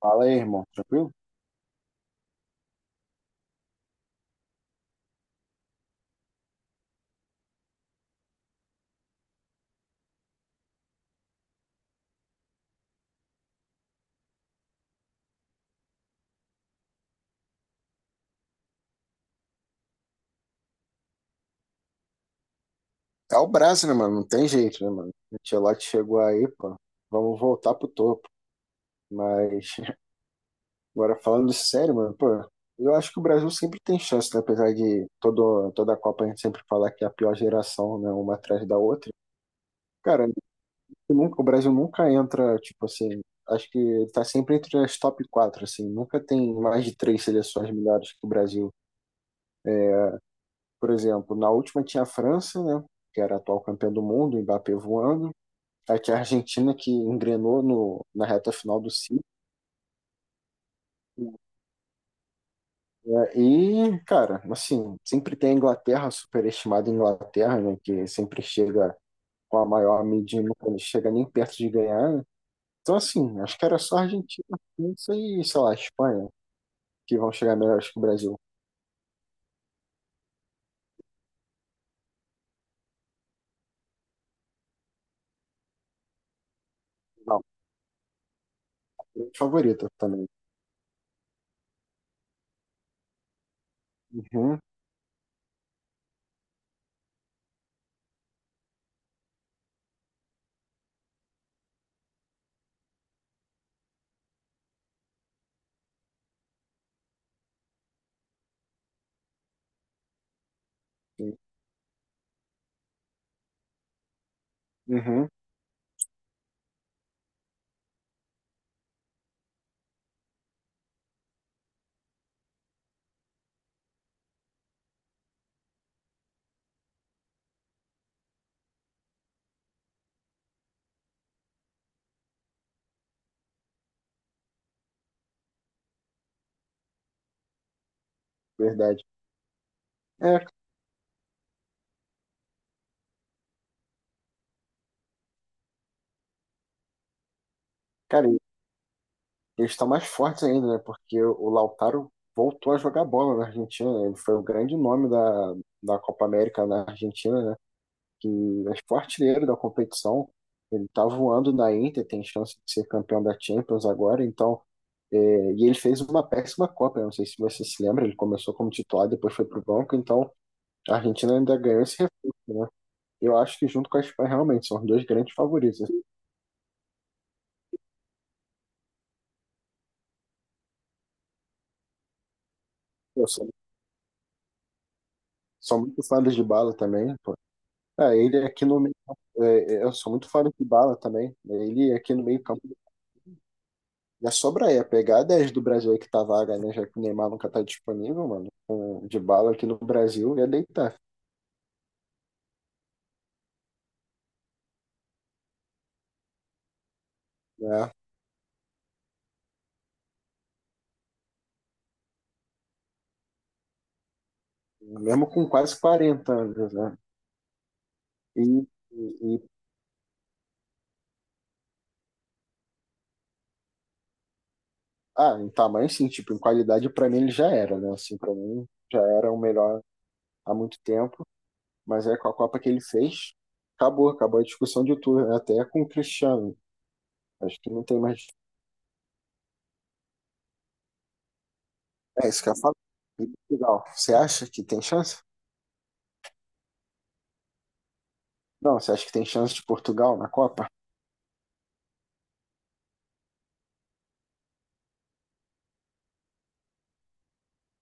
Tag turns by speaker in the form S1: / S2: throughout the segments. S1: Fala aí, irmão. Tranquilo? É o Brasil, né, mano? Não tem jeito, né, mano? O Ancelotti chegou aí, pô. Vamos voltar pro topo. Mas, agora falando sério, mano, pô, eu acho que o Brasil sempre tem chance, né? Apesar de todo, toda a Copa a gente sempre falar que é a pior geração, né? Uma atrás da outra. Cara, o Brasil nunca entra, tipo assim, acho que ele tá sempre entre as top 4 assim. Nunca tem mais de três seleções melhores que o Brasil. Por exemplo, na última tinha a França, né? Que era a atual campeã do mundo, o Mbappé voando. A que a Argentina que engrenou no, na reta final do ciclo, né? E, cara, assim, sempre tem a Inglaterra, superestimada Inglaterra, né, que sempre chega com a maior mídia e nunca chega nem perto de ganhar, né? Então, assim, acho que era só a Argentina, França e, sei lá, a Espanha, que vão chegar melhores que o Brasil. Não, favorita também. Uhum, sim, uhum, verdade. É, cara, eles estão mais fortes ainda, né? Porque o Lautaro voltou a jogar bola na Argentina, né? Ele foi o grande nome da Copa América na Argentina, né? Que é o artilheiro da competição. Ele tá voando na Inter, tem chance de ser campeão da Champions agora, então. é, e ele fez uma péssima Copa, né? Não sei se você se lembra, ele começou como titular, depois foi pro banco, então a Argentina ainda ganhou esse reforço, né? Eu acho que junto com a Espanha, realmente, são os dois grandes favoritos. Eu sou muito fã do Dybala também, pô. Ele aqui no meio, eu sou muito fã do Dybala também, né? Ele aqui no meio campo já sobra aí, é pegar 10 do Brasil aí que tá vaga, né? Já que o Neymar nunca tá disponível, mano. Com o Dybala aqui no Brasil ia deitar, né? Mesmo com quase 40 anos, né? E, e, e- ah, em tamanho sim, tipo, em qualidade pra mim ele já era, né? Assim, pra mim já era o melhor há muito tempo, mas é com a Copa que ele fez, acabou, acabou a discussão de tudo, né? Até com o Cristiano. Acho que não tem mais. É isso que eu falo. E Portugal, você acha que tem chance? Não, você acha que tem chance de Portugal na Copa?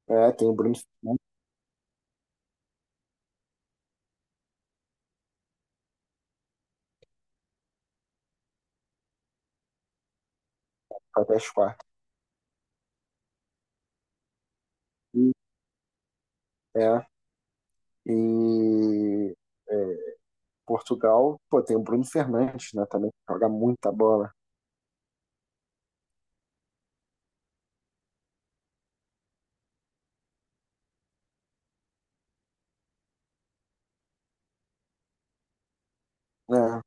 S1: É, tem o Bruno Fernandes que foi até as quartas. E, é, e é, Portugal, pô, tem o Bruno Fernandes, né, também, que joga muita bola, né?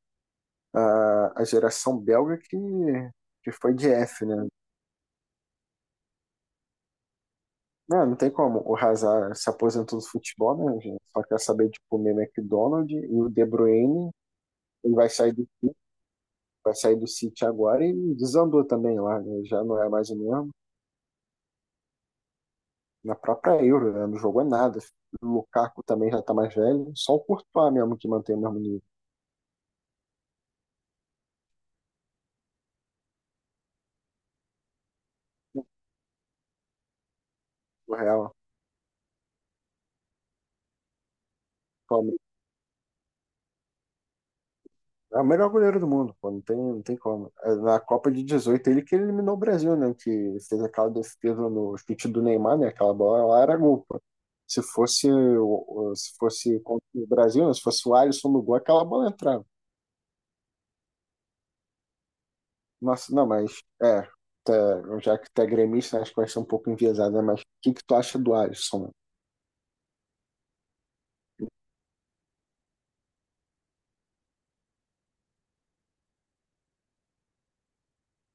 S1: A geração belga que foi de F, né? Não, não tem como. O Hazard se aposentou do futebol, né, gente? Só quer saber de comer McDonald's. E o De Bruyne, ele vai sair do City agora e desandou também lá, né? Já não é mais o mesmo. Na própria Euro, né? Não jogou nada. O Lukaku também já tá mais velho, só o Courtois mesmo que mantém o mesmo nível, né? O Real, atualmente. É o melhor goleiro do mundo, pô, não tem, não tem como. É, na Copa de 18, ele que eliminou o Brasil, né? Que fez aquela defesa no chute do Neymar, né? Aquela bola lá era gol, pô. Se fosse contra o Brasil, né? Se fosse o Alisson no gol, aquela bola entrava. Nossa, não, mas é, já que tu é gremista, acho que vai ser um pouco enviesadas, mas o que que tu acha do Alisson?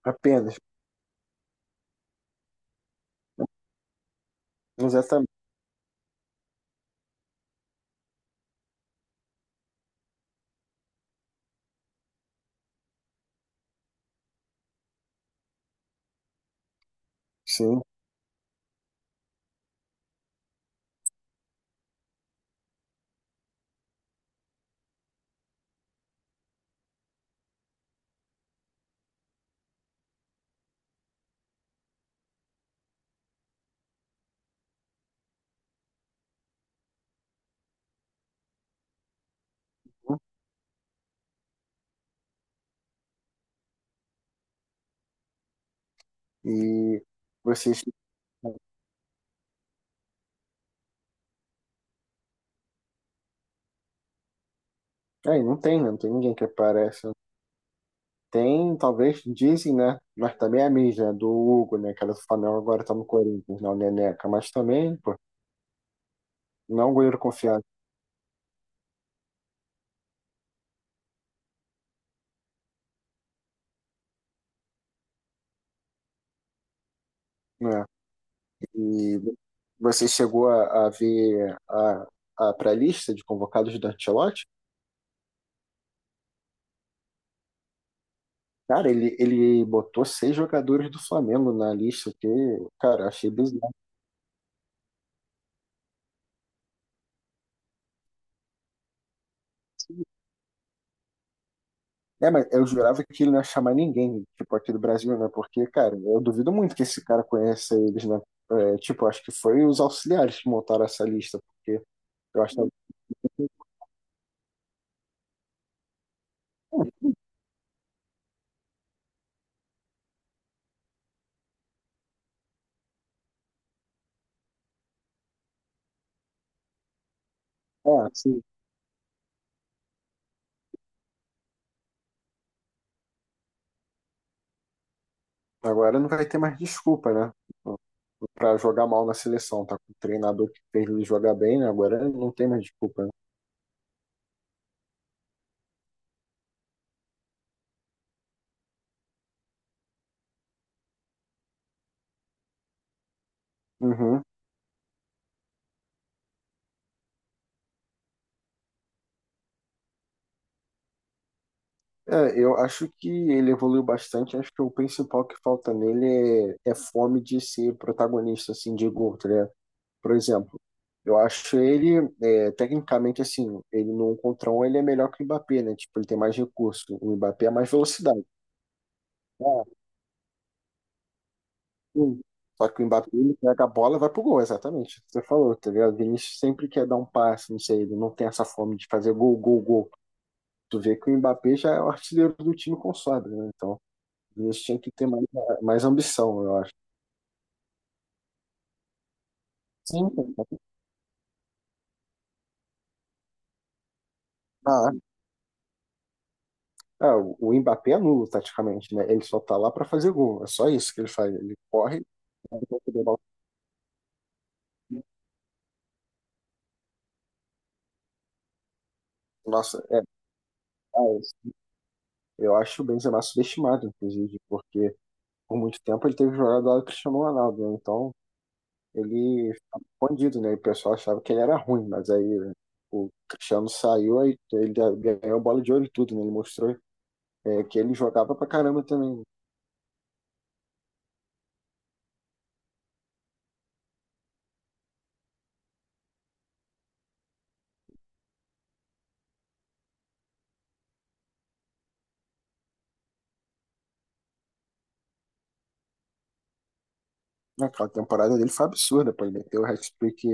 S1: Apenas, exatamente, sim. E vocês. Aí não tem, né? Não tem ninguém que aparece. Tem, talvez, dizem, né? Mas também é a mídia, né? Do Hugo, né? Que era do Flamengo, agora tá no Corinthians, não, Neneca. Mas também, pô, não é um goleiro confiável, né? E você chegou a ver a pré-lista de convocados do Ancelotti? Cara, ele botou seis jogadores do Flamengo na lista, que, cara, achei bizarro. É, mas eu jurava que ele não ia chamar ninguém, tipo, aqui do Brasil, né? Porque, cara, eu duvido muito que esse cara conheça eles, né? É, tipo, acho que foi os auxiliares que montaram essa lista, porque eu acho que, é, assim, agora não vai ter mais desculpa, né? Pra jogar mal na seleção, tá com o treinador que fez ele jogar bem, né? Agora não tem mais desculpa, né? Uhum. É, eu acho que ele evoluiu bastante. Acho que o principal que falta nele é fome de ser protagonista, assim, de gol, tá ligado? Por exemplo, eu acho ele, é, tecnicamente, assim, ele no um contra um, ele é melhor que o Mbappé, né? Tipo, ele tem mais recurso. O Mbappé é mais velocidade. Ah, sim. Só que o Mbappé, ele pega a bola e vai pro gol, exatamente. Você falou, tá ligado? O Vinícius sempre quer dar um passe, não sei, ele não tem essa fome de fazer gol, gol, gol. Tu vê que o Mbappé já é o artilheiro do time com sobra, né? Então. Eles tinham que ter mais ambição, eu acho. Sim, cara. Ah, é, o Mbappé é nulo, taticamente, né? Ele só tá lá pra fazer gol. É só isso que ele faz. Ele corre, toca de bola. Nossa, é eu acho o Benzema subestimado, inclusive, porque por muito tempo ele teve jogado lá do Cristiano Ronaldo, né? Então ele ficava escondido, né? E o pessoal achava que ele era ruim, mas aí, né, o Cristiano saiu, aí ele ganhou a bola de ouro e tudo, né? Ele mostrou, é, que ele jogava pra caramba também, né? Aquela temporada dele foi absurda, pô. Ele meteu o hat-trick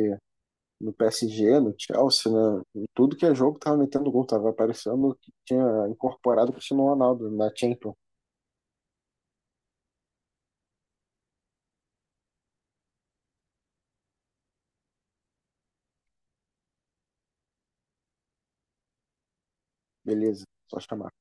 S1: no PSG, no Chelsea, né? Em tudo que é jogo, tava metendo gol, tava aparecendo que tinha incorporado o Cristiano Ronaldo na Champions. Beleza, só chamar.